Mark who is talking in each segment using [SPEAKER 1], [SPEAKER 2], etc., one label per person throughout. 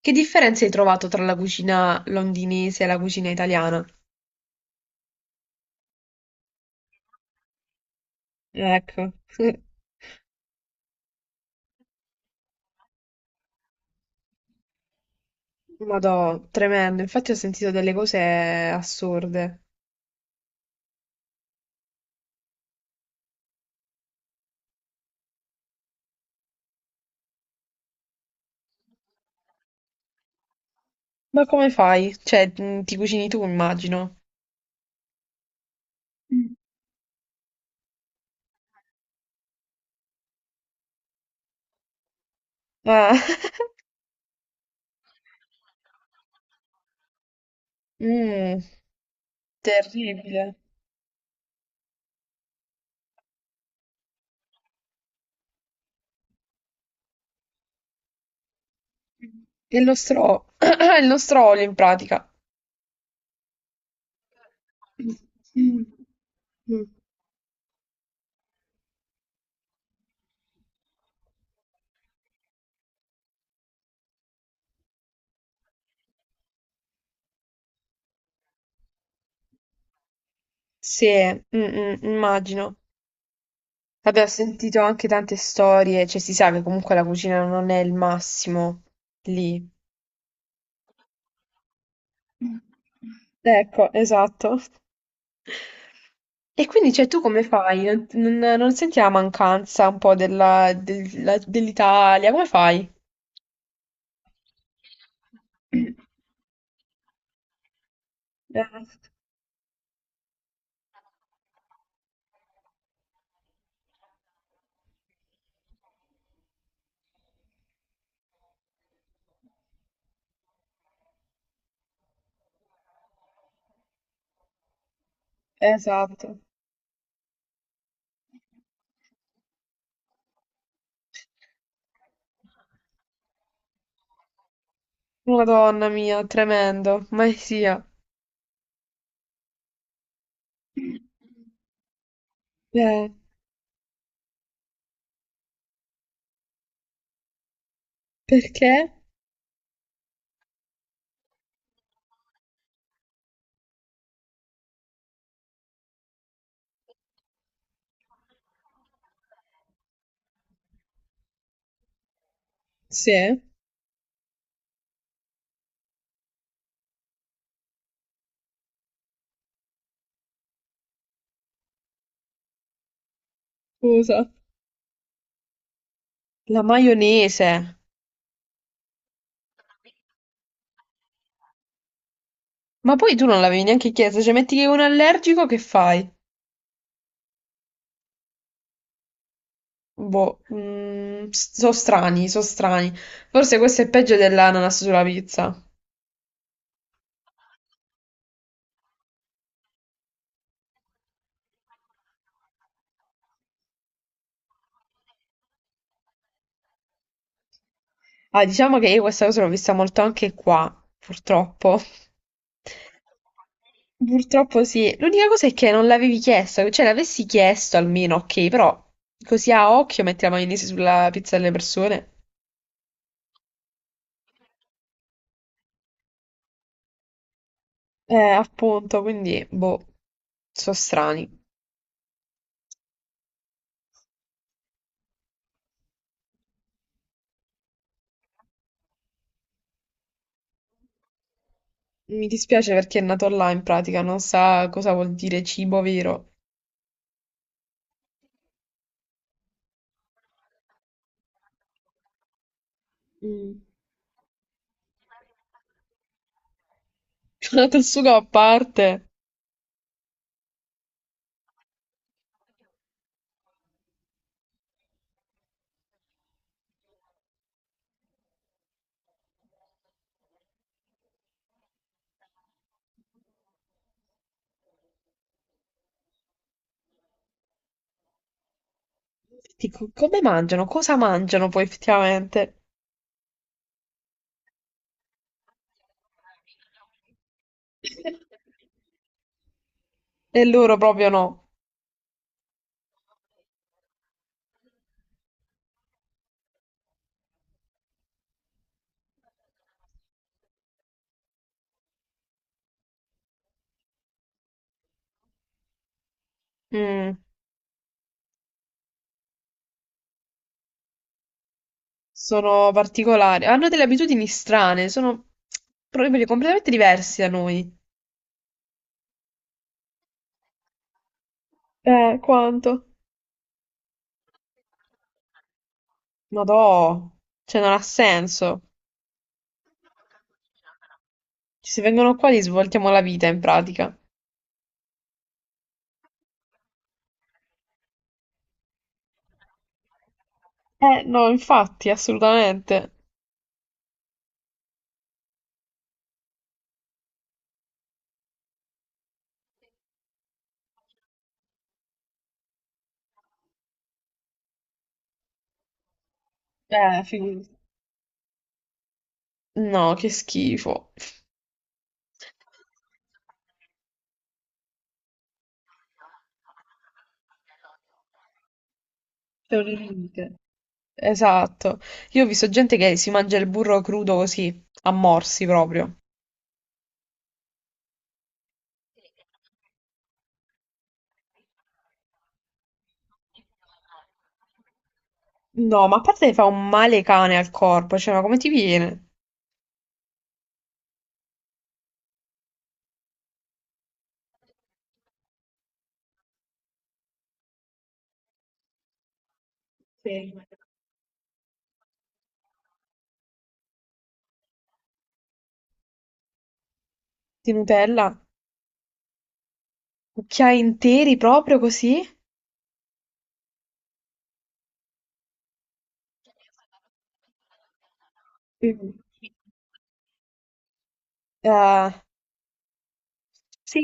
[SPEAKER 1] Che differenze hai trovato tra la cucina londinese e la cucina italiana? Ecco, madò, tremendo. Infatti ho sentito delle cose assurde. Ma come fai? Cioè, ti cucini tu, immagino. Mm. Ah, mm, terribile. E lo stro... il nostro olio, in pratica. Mm. Mm. Sì, mm, mm, immagino. Abbiamo sentito anche tante storie, cioè si sa che comunque la cucina non è il massimo lì. Ecco, esatto. E quindi, cioè, tu come fai? Non senti la mancanza un po' dell'Italia? Come fai? Eh, esatto. Madonna mia, tremendo, mai sia. Eh, perché? Sì, scusa. La maionese. Ma poi tu non l'avevi neanche chiesto, cioè metti che è un allergico, che fai? Boh, mm, so strani, so strani. Forse questo è peggio dell'ananas sulla pizza. Ah, diciamo che io questa cosa l'ho vista molto anche qua, purtroppo. Purtroppo sì. L'unica cosa è che non l'avevi chiesto, cioè l'avessi chiesto almeno, ok, però così a occhio metti la maionese sulla pizza delle persone. Appunto, quindi, boh, so strani. Mi dispiace perché è nato là in pratica, non sa cosa vuol dire cibo vero. Mm. Col sugo a parte. Dico, come mangiano? Cosa mangiano poi effettivamente? E loro proprio no. Mm, sono particolari, hanno delle abitudini strane, sono proprio completamente diversi da noi. Quanto? Ma no, cioè non ha senso. Se vengono qua gli svoltiamo la vita in pratica. No, infatti, assolutamente. Figurati. No, che schifo. C'è un limite. Esatto. Io ho visto gente che si mangia il burro crudo così, a morsi proprio. No, ma a parte fa un male cane al corpo, cioè, ma come ti viene? Sì. Di Nutella? Cucchiai interi proprio così? Mm. Eh, sì,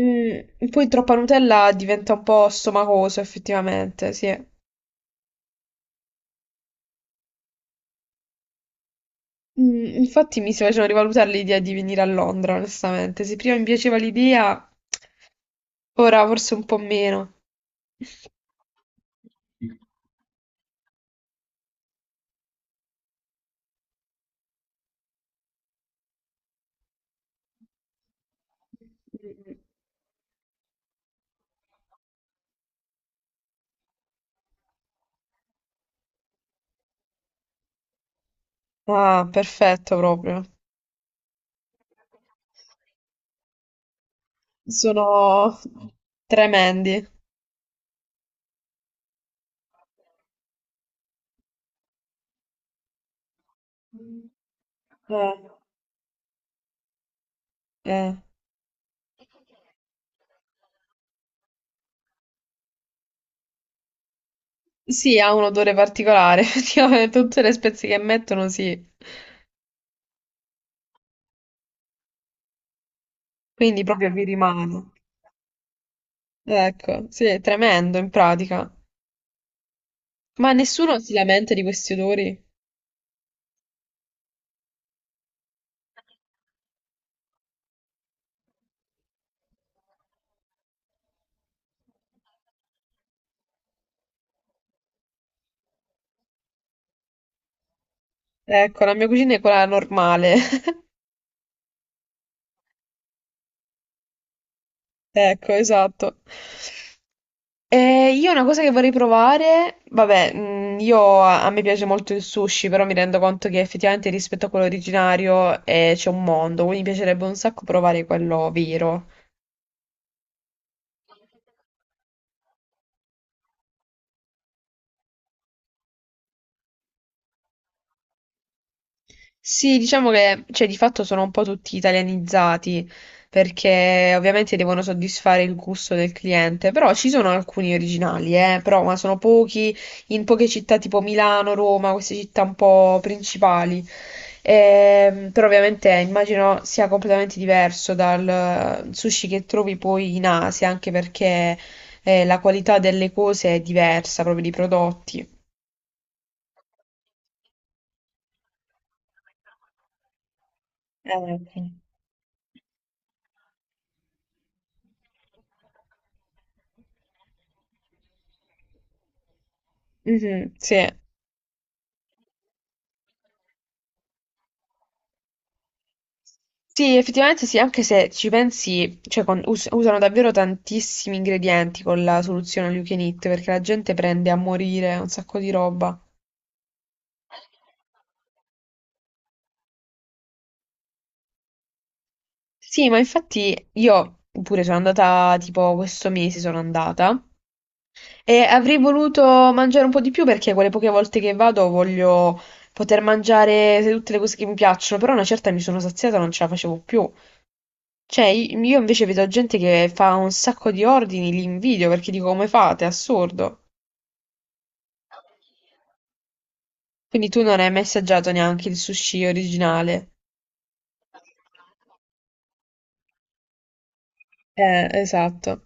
[SPEAKER 1] mm, poi troppa Nutella diventa un po' stomacoso, effettivamente, sì. Mm, infatti mi si faceva rivalutare l'idea di venire a Londra, onestamente. Se prima mi piaceva l'idea, ora forse un po' meno. Mm. Ah, perfetto proprio. Sono tremendi. Eh, eh. Sì, ha un odore particolare, effettivamente tutte le spezie che mettono sì, quindi proprio vi rimane. Ecco, sì, è tremendo in pratica. Ma nessuno si lamenta di questi odori? Ecco, la mia cucina è quella normale. Ecco, esatto. Io una cosa che vorrei provare, vabbè, mm, io a me piace molto il sushi, però mi rendo conto che effettivamente rispetto a quello originario c'è un mondo, quindi mi piacerebbe un sacco provare quello vero. Sì, diciamo che cioè, di fatto sono un po' tutti italianizzati perché ovviamente devono soddisfare il gusto del cliente, però ci sono alcuni originali, però ma sono pochi in poche città tipo Milano, Roma, queste città un po' principali. Però ovviamente immagino sia completamente diverso dal sushi che trovi poi in Asia, anche perché la qualità delle cose è diversa, proprio dei prodotti. Sì. Mhm, sì. Sì, effettivamente sì, anche se ci pensi, cioè usano davvero tantissimi ingredienti con la soluzione all you can eat, perché la gente prende a morire un sacco di roba. Sì, ma infatti io pure sono andata, tipo questo mese sono andata e avrei voluto mangiare un po' di più perché quelle poche volte che vado voglio poter mangiare tutte le cose che mi piacciono, però una certa mi sono saziata, non ce la facevo più. Cioè, io invece vedo gente che fa un sacco di ordini, li invidio perché dico come fate, è assurdo. Quindi tu non hai mai assaggiato neanche il sushi originale. Esatto.